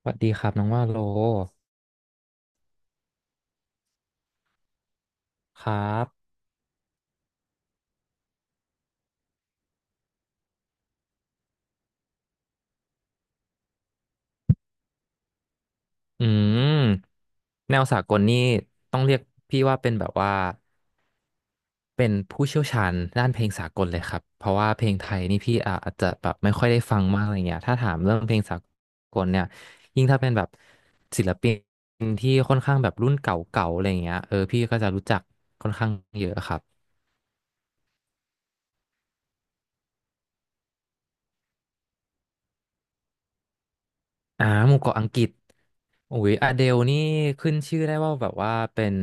สวัสดีครับน้องว่าโลครับอืมแนวสากลนี่ต้องเรียกพี่ว่าเป็นแบบว่าเป็นผู้เชี่ยวชาญด้านเพลงสากลเลยครับเพราะว่าเพลงไทยนี่พี่อาจจะแบบไม่ค่อยได้ฟังมากอะไรเงี้ยถ้าถามเรื่องเพลงสากลเนี่ยยิ่งถ้าเป็นแบบศิลปินที่ค่อนข้างแบบรุ่นเก่าๆอะไรเงี้ยเออพี่ก็จะรู้จักค่อนข้างเยอะครับ อ่าหมู่เกาะอังกฤษโอ้ยอเดลนี่ขึ้นชื่อได้ว่าแบบว่าเป็น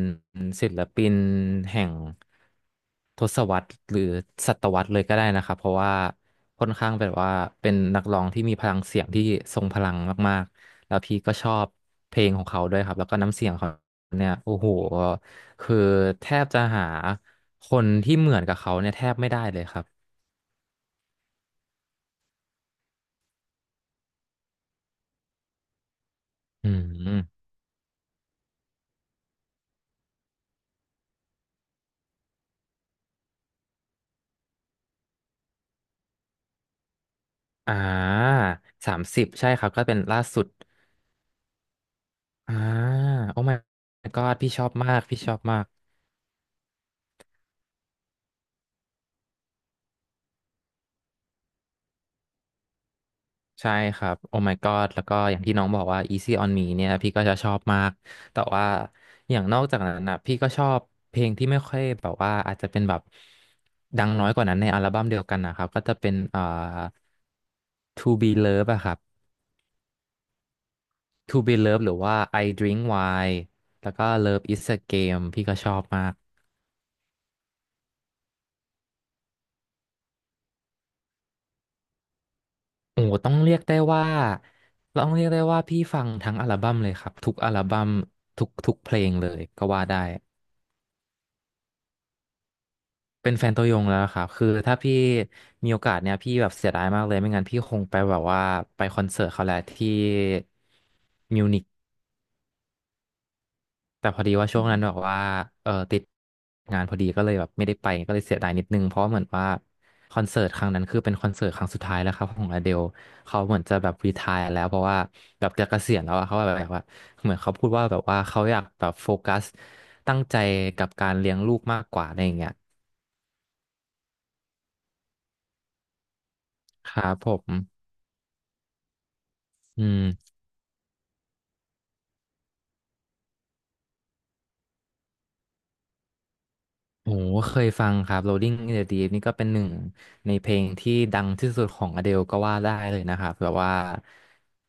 ศิลปินแห่งทศวรรษหรือศตวรรษเลยก็ได้นะครับเพราะว่าค่อนข้างแบบว่าเป็นนักร้องที่มีพลังเสียงที่ทรงพลังมากๆแล้วพี่ก็ชอบเพลงของเขาด้วยครับแล้วก็น้ำเสียงเขาเนี่ยโอ้โหคือแทบจะหาคนที่เหมือนกับเขาเนี่ยแทบไม่ได้เลยครับอืมอ่าสามสิบใช่ครับก็เป็นล่าสุด อ่าโอ้ my god พี่ชอบมากพี่ชอบมากใช่ครับโอ้ my god แล้วก็อย่างที่น้องบอกว่า Easy on Me เนี่ยพี่ก็จะชอบมากแต่ว่าอย่างนอกจากนั้นนะพี่ก็ชอบเพลงที่ไม่ค่อยแบบว่าอาจจะเป็นแบบดังน้อยกว่านั้นในอัลบั้มเดียวกันนะครับก็จะเป็นTo Be Love อะครับ To Be Love หรือว่า I Drink Wine แล้วก็ Love Is a Game พี่ก็ชอบมาก โอ้ต้องเรียกได้ว่าต้องเรียกได้ว่าพี่ฟังทั้งอัลบั้มเลยครับทุกอัลบั้มทุกเพลงเลยก็ว่าได้เป็นแฟนตัวยงแล้วครับคือถ้าพี่มีโอกาสเนี่ยพี่แบบเสียดายมากเลยไม่งั้นพี่คงไปแบบว่าไปคอนเสิร์ตเขาแหละที่มิวนิก แต่พอดีว่าช่วงนั้นแบบว่าติดงานพอดีก็เลยแบบไม่ได้ไปก็เลยเสียดายนิดนึงเพราะเหมือนว่าคอนเสิร์ตครั้งนั้นคือเป็นคอนเสิร์ตครั้งสุดท้ายแล้วครับของอเดลเขาเหมือนจะแบบรีไทร์แล้วเพราะว่าแบบจะเกษียณแล้วอะเขาแบบว่าเหมือนเขาพูดว่าแบบว่าเขาอยากแบบโฟกัสตั้งใจกับการเลี้ยงลูกมากกว่าอะไรอย่างเงี้ยครับผมอืม โอ้โหเคยฟังครับ Rolling in the Deep นี่ก็เป็นหนึ่งในเพลงที่ดังที่สุดของ Adele ก็ว่าได้เลยนะครับแบบว่า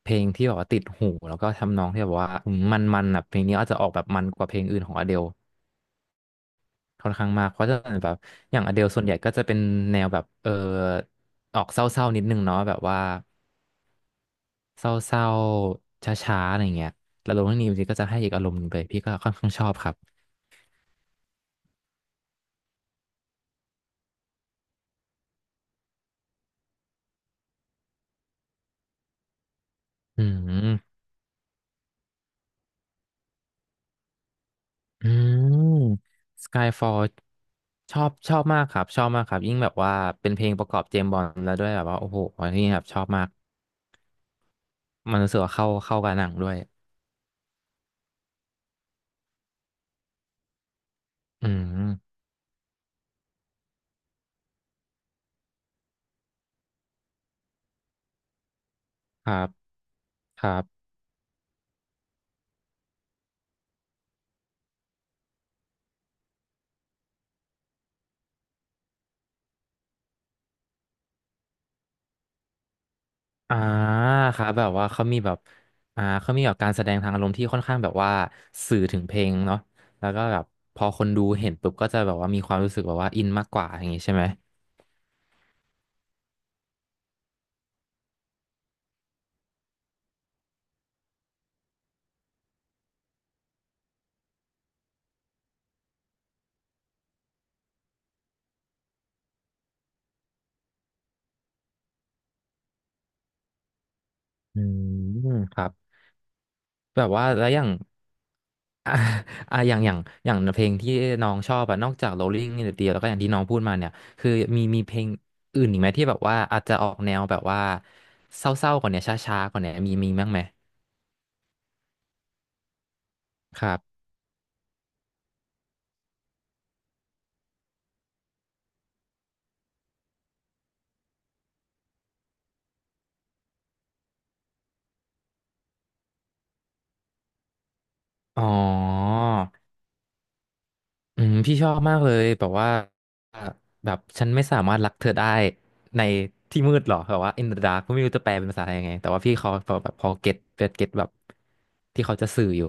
เพลงที่แบบว่าติดหูแล้วก็ทำนองที่แบบว่าอืมันมันๆอ่ะเพลงนี้อาจจะออกแบบมันกว่าเพลงอื่นของ Adele ค่อนข้างมากเพราะจะเป็นแบบอย่าง Adele ส่วนใหญ่ก็จะเป็นแนวแบบออกเศร้าๆนิดนึงเนาะแบบว่าเศร้าๆช้าๆอะไรเงี้ยแล้ว Rolling in the Deep ก็จะให้อีกอารมณ์หนึ่งไปพี่ก็ค่อนข้างชอบครับอืม อืม Skyfall ชอบมากครับชอบมากครับยิ่งแบบว่าเป็นเพลงประกอบเจมส์บอนด์แล้วด้วยแบบว่าโอ้โหอันนี้แบบชอบมากมันรู้สึกว่าเข้ากับหนังด้วยอืมครับครับอ่าครับแบบว่าเขามีแบบเขามีแบบการแสดงทางอารมณ์ที่ค่อนข้างแบบว่าสื่อถึงเพลงเนาะแล้วก็แบบพอคนดูเห็นปุ๊บก็จะแบบว่ามีความรู้สึกแบบว่าอินมากกว่าอย่างงี้ใช่ไหมอืมครับแบบว่าแล้วอย่าง อ่า อ่ะอย่างอย่างอย่างเพลงที่น้องชอบอะนอกจาก Rolling in the Deep แล้วก็อย่างที่น้องพูดมาเนี่ยคือมีเพลงอื่นอีกไหมที่แบบว่าอาจจะออกแนวแบบว่าเศร้าๆกว่าเนี้ยช้าๆกว่าเนี้ยมีบ้างไหมครับอ๋ออืมพี่ชอบมากเลยแบบว่าแบบฉันไม่สามารถรักเธอได้ในที่มืดหรอแบบว่า in the dark ไม่รู้จะแปลเป็นภาษาไทยยังไงแต่ว่าพี่เขาแบบพอเก็ตแบบที่เขาจะสื่ออยู่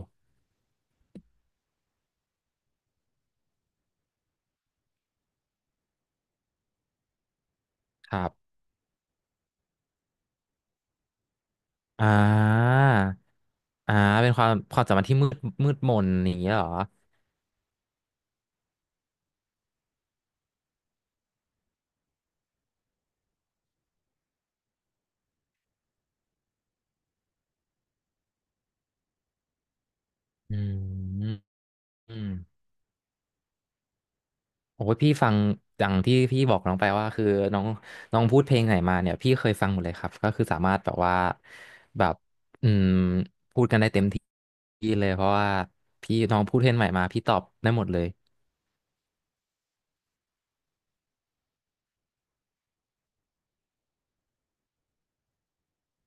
ครับอ่า อ่าเป็นความสัมพันธ์ที่มืดมนอย่างเงี้ยเหรออืมอืมโอ้ยพี่ฟังอย่างที่พี่บอกน้องไปว่าคือน้องน้องพูดเพลงไหนมาเนี่ยพี่เคยฟังหมดเลยครับก็คือสามารถแบบว่าแบบอืมดีเลยเพราะว่าพี่น้องพูดเพลงใหม่มาพี่ตอบได้หมดเลย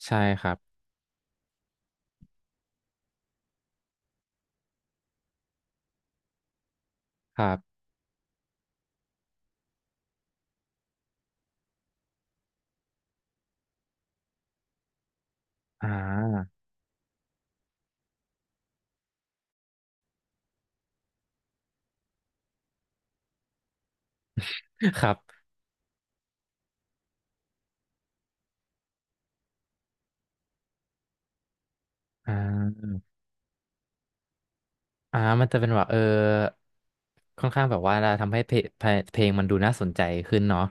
ใช่ครับครับอ่า ครับอ่ามันจะเป็นแบบค่อนข้างแบบว่าทำให้เพลงมันดูน่าสนใจขึ้นเนาะ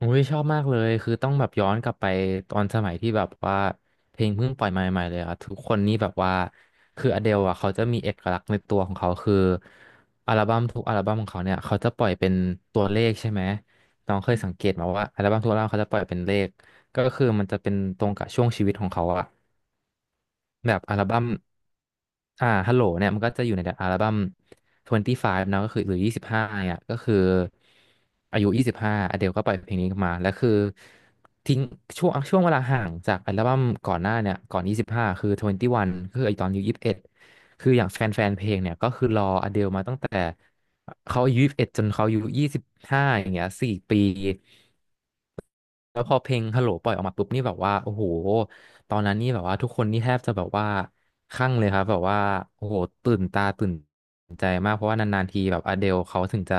อุ้ยชอบมากเลยคือต้องแบบย้อนกลับไปตอนสมัยที่แบบว่าเพลงเพิ่งปล่อยมาใหม่ๆเลยอะทุกคนนี่แบบว่าคืออเดลอะเขาจะมีเอกลักษณ์ในตัวของเขาคืออัลบั้มทุกอัลบั้มของเขาเนี่ยเขาจะปล่อยเป็นตัวเลขใช่ไหมน้องเคยสังเกตมาว่าอัลบั้มทุกอัลบั้มเขาจะปล่อยเป็นเลขก็คือมันจะเป็นตรงกับช่วงชีวิตของเขาอะ แบบอัลบั้มฮัลโหลเนี่ยมันก็จะอยู่ในอัลบั้ม25เนอะก็คือหรือ25เนี่ยก็คืออายุ 25อเดลก็ปล่อยเพลงนี้มาแล้วคือทิ้งช่วงเวลาห่างจากอัลบั้มก่อนหน้าเนี่ยก่อน 25คือ 21คือไอตอนอายุ21 คืออย่างแฟนเพลงเนี่ยก็คือรออเดลมาตั้งแต่เขาอายุ21จนเขาอายุ25อย่างเงี้ย4ปี แล้วพอเพลงฮัลโหลปล่อยออกมาปุ๊บนี่แบบว่าโอ้โหตอนนั้นนี่แบบว่าทุกคนนี่แทบจะแบบว่าคลั่งเลยครับแบบว่าโอ้โหตื่นตาตื่นใจมากเพราะว่านานๆทีแบบอเดลเขาถึงจะ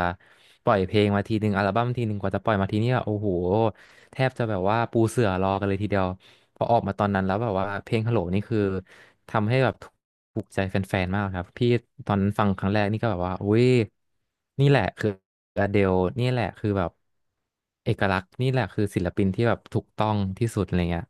ปล่อยเพลงมาทีนึงอัลบั้มทีนึงกว่าจะปล่อยมาทีนี่แบบโอ้โหแทบจะแบบว่าปูเสื่อรอกันเลยทีเดียวพอออกมาตอนนั้นแล้วแบบว่าเพลงฮัลโหลนี่คือ ทำให้แบบถูกใจแฟนๆมากครับพี่ตอนนั้นฟังครั้งแรกนี่ก็แบบว่าอุ้ยนี่แหละคืออเดลนี่แหละคือแบบเอกลักษณ์นี่แหละคือศิลปินที่แบบถูกต้องที่สุดอะไรเงี้ย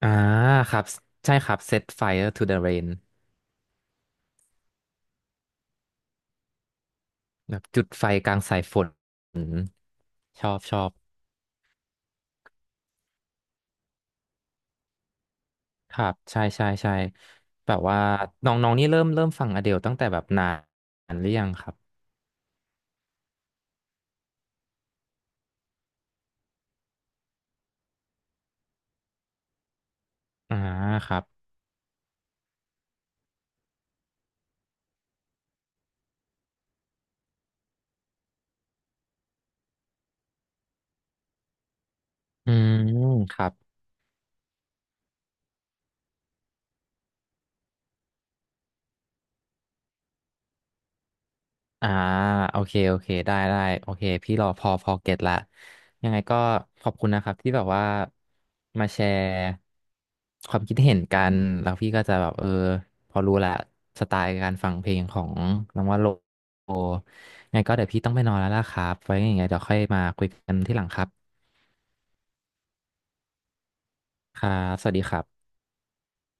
อ่าครับใช่ครับ Set Fire to the Rain แบบจุดไฟกลางสายฝนอืมชอบชอบครับใช่ใช่ใช่แบบว่าน้องๆนี่เริ่มฟังอเดลตั้งแต่แบบนานหรือยังครับอ่าครับอืมครับ อ่าโอเคโอเคได้ได้โอเคพี่รอพอพอเก็ตละยังไงก็ขอบคุณนะครับที่แบบว่ามาแชร์ความคิดเห็นกันแล้วพี่ก็จะแบบพอรู้ละสไตล์การฟังเพลงของน้องว่าโลยังไงก็เดี๋ยวพี่ต้องไปนอนแล้วล่ะครับไว้ยังไงเดี๋ยวค่อยมาคุยกันที่หลังครับครับสวัสดีครับ